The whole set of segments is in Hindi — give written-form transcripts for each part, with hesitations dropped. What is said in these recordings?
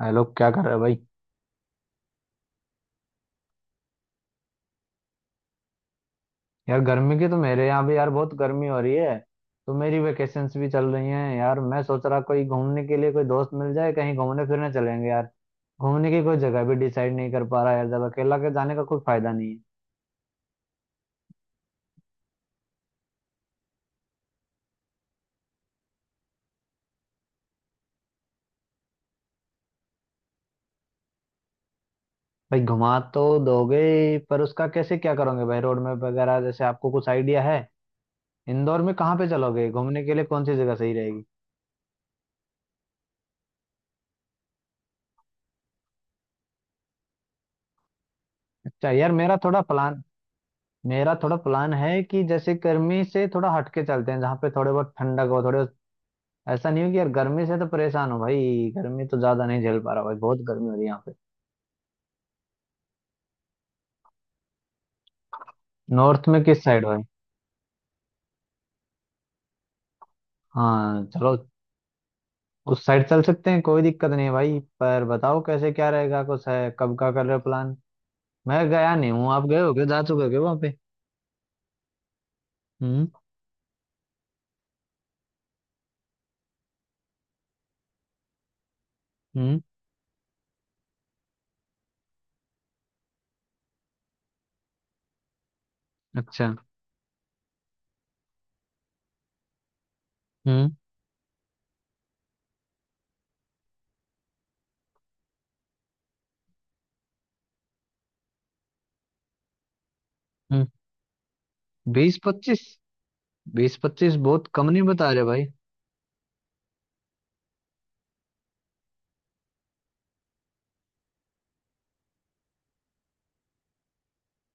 अरे लोग क्या कर रहे हैं भाई। यार गर्मी की तो मेरे यहाँ भी यार बहुत गर्मी हो रही है। तो मेरी वेकेशंस भी चल रही हैं यार, मैं सोच रहा कोई घूमने के लिए कोई दोस्त मिल जाए कहीं घूमने फिरने चलेंगे यार। घूमने की कोई जगह भी डिसाइड नहीं कर पा रहा यार, जब अकेला के जाने का कोई फायदा नहीं है। भाई घुमा तो दोगे ही, पर उसका कैसे क्या करोगे भाई? रोड मैप वगैरह जैसे आपको कुछ आइडिया है? इंदौर में कहाँ पे चलोगे घूमने के लिए, कौन सी जगह सही रहेगी? अच्छा यार, मेरा थोड़ा प्लान है कि जैसे गर्मी से थोड़ा हटके चलते हैं, जहाँ पे थोड़े बहुत ठंडक हो। थोड़े ऐसा नहीं हो कि यार गर्मी से तो परेशान हो भाई। गर्मी तो ज्यादा नहीं झेल पा रहा भाई, बहुत गर्मी हो रही है यहाँ पे। नॉर्थ में किस साइड हो भाई? हाँ चलो, उस साइड चल सकते हैं, कोई दिक्कत नहीं है भाई। पर बताओ कैसे क्या रहेगा, कुछ है कब का कर रहे हो प्लान? मैं गया नहीं हूँ, आप गए हो क्या, जा चुके हो क्या वहाँ पे? हम्म। हम्म। अच्छा। हम्म। हम्म। 20-25? 20-25 बहुत कम नहीं बता रहे भाई?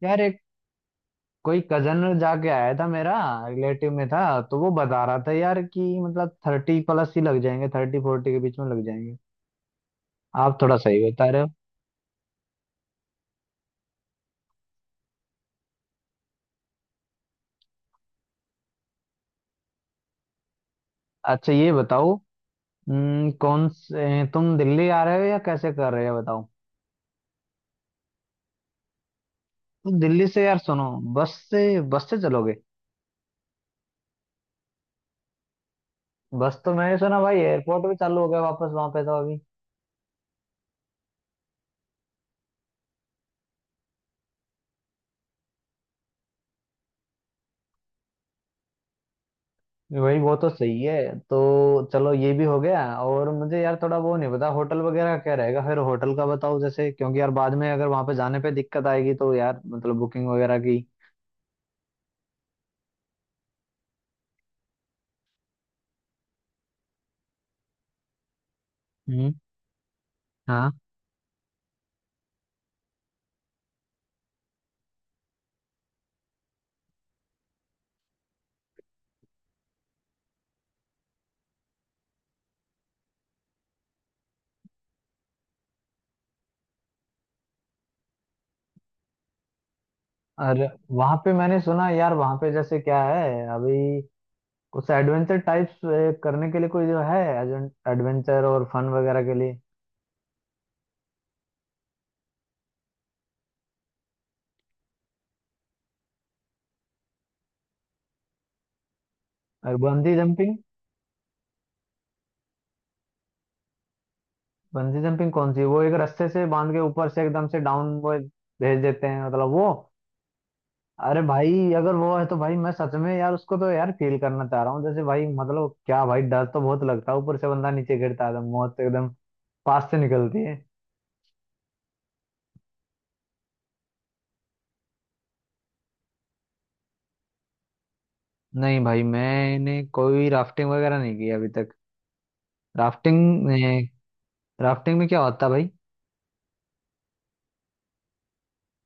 यार एक कोई कजन जाके आया था मेरा, रिलेटिव में था, तो वो बता रहा था यार कि मतलब 30+ ही लग जाएंगे, 30-40 के बीच में लग जाएंगे। आप थोड़ा सही बता रहे हो। अच्छा ये बताओ। कौन से तुम दिल्ली आ रहे हो या कैसे कर रहे हो बताओ? तो दिल्ली से यार सुनो, बस से चलोगे? बस तो मैंने सुना भाई एयरपोर्ट भी चालू हो गया वापस वहां पे तो अभी। भाई वो तो सही है। तो चलो ये भी हो गया, और मुझे यार थोड़ा वो नहीं पता होटल वगैरह का क्या रहेगा, फिर होटल का बताओ जैसे, क्योंकि यार बाद में अगर वहां पे जाने पे दिक्कत आएगी तो यार मतलब बुकिंग वगैरह की। हम्म। हाँ। और वहां पे मैंने सुना यार वहां पे जैसे क्या है अभी, कुछ एडवेंचर टाइप्स करने के लिए कोई जो है, एडवेंचर और फन वगैरह के लिए। और बंजी जंपिंग? बंजी जंपिंग कौन सी, वो एक रस्से से बांध के ऊपर से एकदम से डाउन वो भेज देते हैं मतलब वो? अरे भाई अगर वो है तो भाई मैं सच में यार उसको तो यार फील करना चाह रहा हूँ, जैसे भाई मतलब क्या भाई, डर तो बहुत लगता है, ऊपर से बंदा नीचे गिरता है तो मौत एकदम पास से निकलती है। नहीं भाई, मैंने कोई राफ्टिंग वगैरह नहीं की अभी तक। राफ्टिंग में, राफ्टिंग में क्या होता है भाई?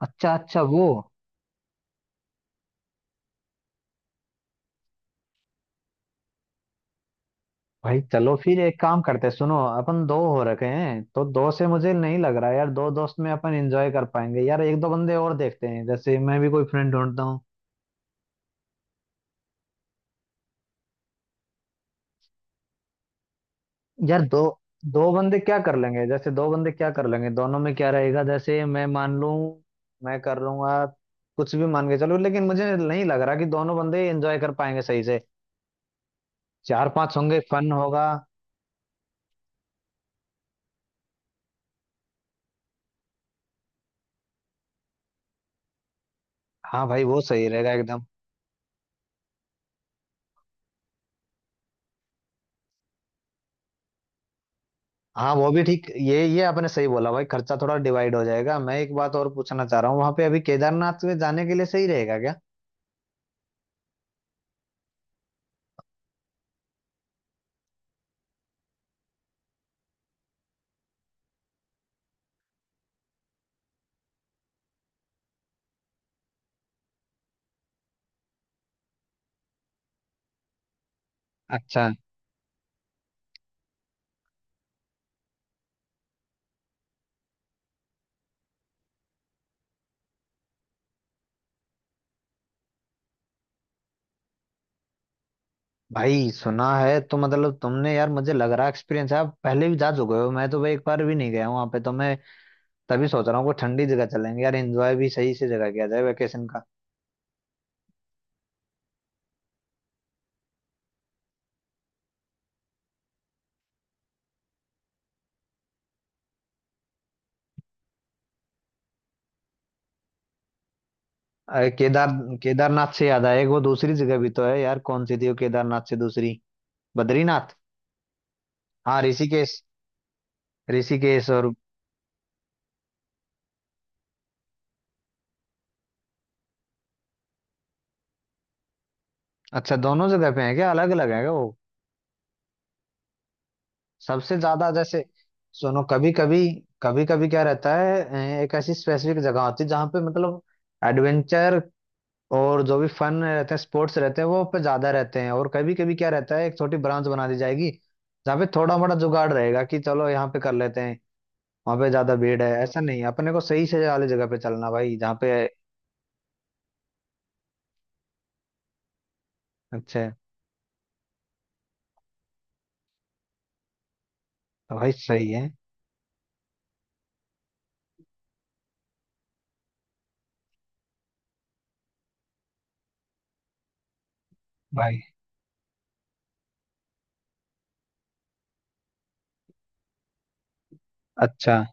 अच्छा अच्छा वो। भाई चलो फिर एक काम करते हैं, सुनो अपन दो हो रखे हैं तो दो से मुझे नहीं लग रहा यार, दो दोस्त में अपन एंजॉय कर पाएंगे यार, एक दो बंदे और देखते हैं, जैसे मैं भी कोई फ्रेंड ढूंढता हूँ। यार दो दो बंदे क्या कर लेंगे, जैसे दो बंदे क्या कर लेंगे, दोनों में क्या रहेगा? जैसे मैं मान लूं मैं कर लूंगा कुछ भी मान के चलो, लेकिन मुझे नहीं लग रहा कि दोनों बंदे एंजॉय कर पाएंगे सही से। चार पांच होंगे फन होगा। हाँ भाई वो सही रहेगा एकदम। हाँ वो भी ठीक, ये आपने सही बोला भाई, खर्चा थोड़ा डिवाइड हो जाएगा। मैं एक बात और पूछना चाह रहा हूँ, वहां पे अभी केदारनाथ में जाने के लिए सही रहेगा क्या? अच्छा। भाई सुना है तो मतलब तुमने, यार मुझे लग रहा है एक्सपीरियंस है, आप पहले भी जा चुके हो। मैं तो भाई एक बार भी नहीं गया हूँ वहाँ पे, तो मैं तभी सोच रहा हूँ कोई ठंडी जगह चलेंगे यार, एंजॉय भी सही से जगह किया जाए वेकेशन का। अरे केदार, केदारनाथ से याद आया, एक वो दूसरी जगह भी तो है यार, कौन सी थी वो केदारनाथ से दूसरी? बद्रीनाथ। हाँ ऋषिकेश। ऋषिकेश और? अच्छा दोनों जगह पे है क्या, अलग अलग है क्या वो? सबसे ज्यादा जैसे। सुनो कभी कभी क्या रहता है, एक ऐसी स्पेसिफिक जगह होती है जहाँ पे मतलब एडवेंचर और जो भी फन रहते हैं, स्पोर्ट्स रहते हैं, वो पे ज्यादा रहते हैं। और कभी कभी क्या रहता है, एक छोटी ब्रांच बना दी जाएगी जहाँ पे थोड़ा मोड़ा जुगाड़ रहेगा कि चलो यहाँ पे कर लेते हैं। वहाँ पे ज्यादा भीड़ है ऐसा नहीं, अपने को सही से वाली जगह पे चलना भाई जहाँ पे। अच्छा है तो भाई सही है भाई। अच्छा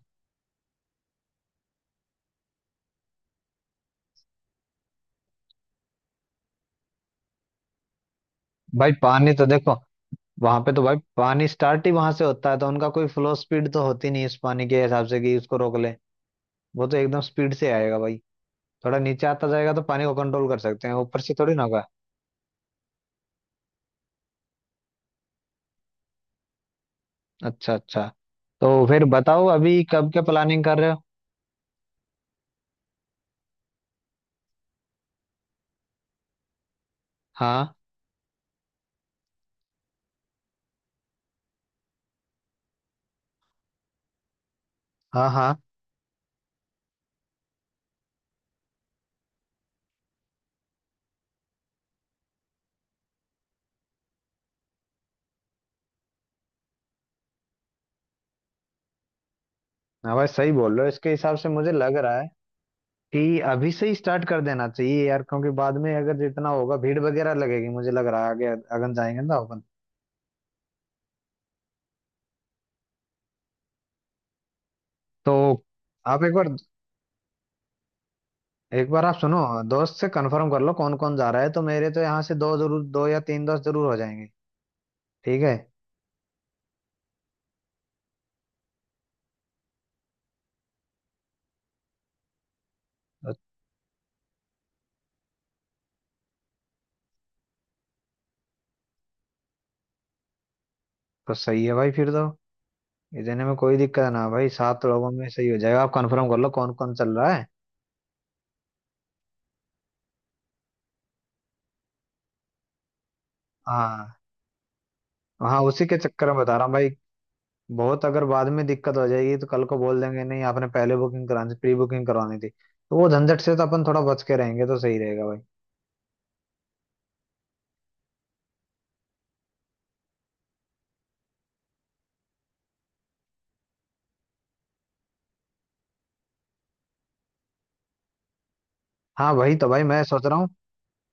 भाई, पानी तो देखो, वहां पे तो भाई पानी स्टार्ट ही वहां से होता है, तो उनका कोई फ्लो स्पीड तो होती नहीं इस पानी के हिसाब से कि उसको रोक ले। वो तो एकदम स्पीड से आएगा भाई। थोड़ा नीचे आता जाएगा तो पानी को कंट्रोल कर सकते हैं, ऊपर से थोड़ी ना होगा। अच्छा अच्छा। तो फिर बताओ अभी कब क्या प्लानिंग कर रहे हो? हाँ। हाँ। हाँ। हाँ भाई सही बोल रहे हो, इसके हिसाब से मुझे लग रहा है कि अभी से ही स्टार्ट कर देना चाहिए यार, क्योंकि बाद में अगर जितना होगा भीड़ वगैरह लगेगी मुझे लग रहा है, आगे अगन जाएंगे ना अपन तो। आप एक बार आप सुनो, दोस्त से कंफर्म कर लो कौन कौन जा रहा है, तो मेरे तो यहाँ से दो जरूर, दो या तीन दोस्त जरूर हो जाएंगे। ठीक है? तो, तो सही है भाई फिर तो, इतने में कोई दिक्कत ना भाई, सात लोगों में सही हो जाएगा। आप कंफर्म कर लो कौन कौन चल रहा है। हाँ। हाँ उसी के चक्कर में बता रहा हूँ भाई, बहुत अगर बाद में दिक्कत हो जाएगी तो कल को बोल देंगे नहीं आपने पहले बुकिंग करानी, प्री बुकिंग करवानी थी, तो वो झंझट से तो अपन थोड़ा बच के रहेंगे तो सही रहेगा भाई। हाँ भाई तो भाई मैं सोच रहा हूँ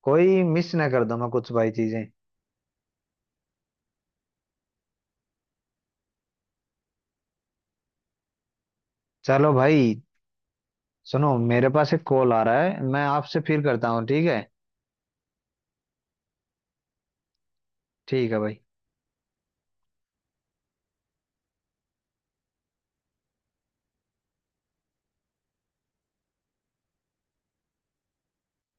कोई मिस ना कर दूं मैं कुछ भाई चीजें। चलो भाई, सुनो मेरे पास एक कॉल आ रहा है, मैं आपसे फिर करता हूँ, ठीक है? ठीक है भाई।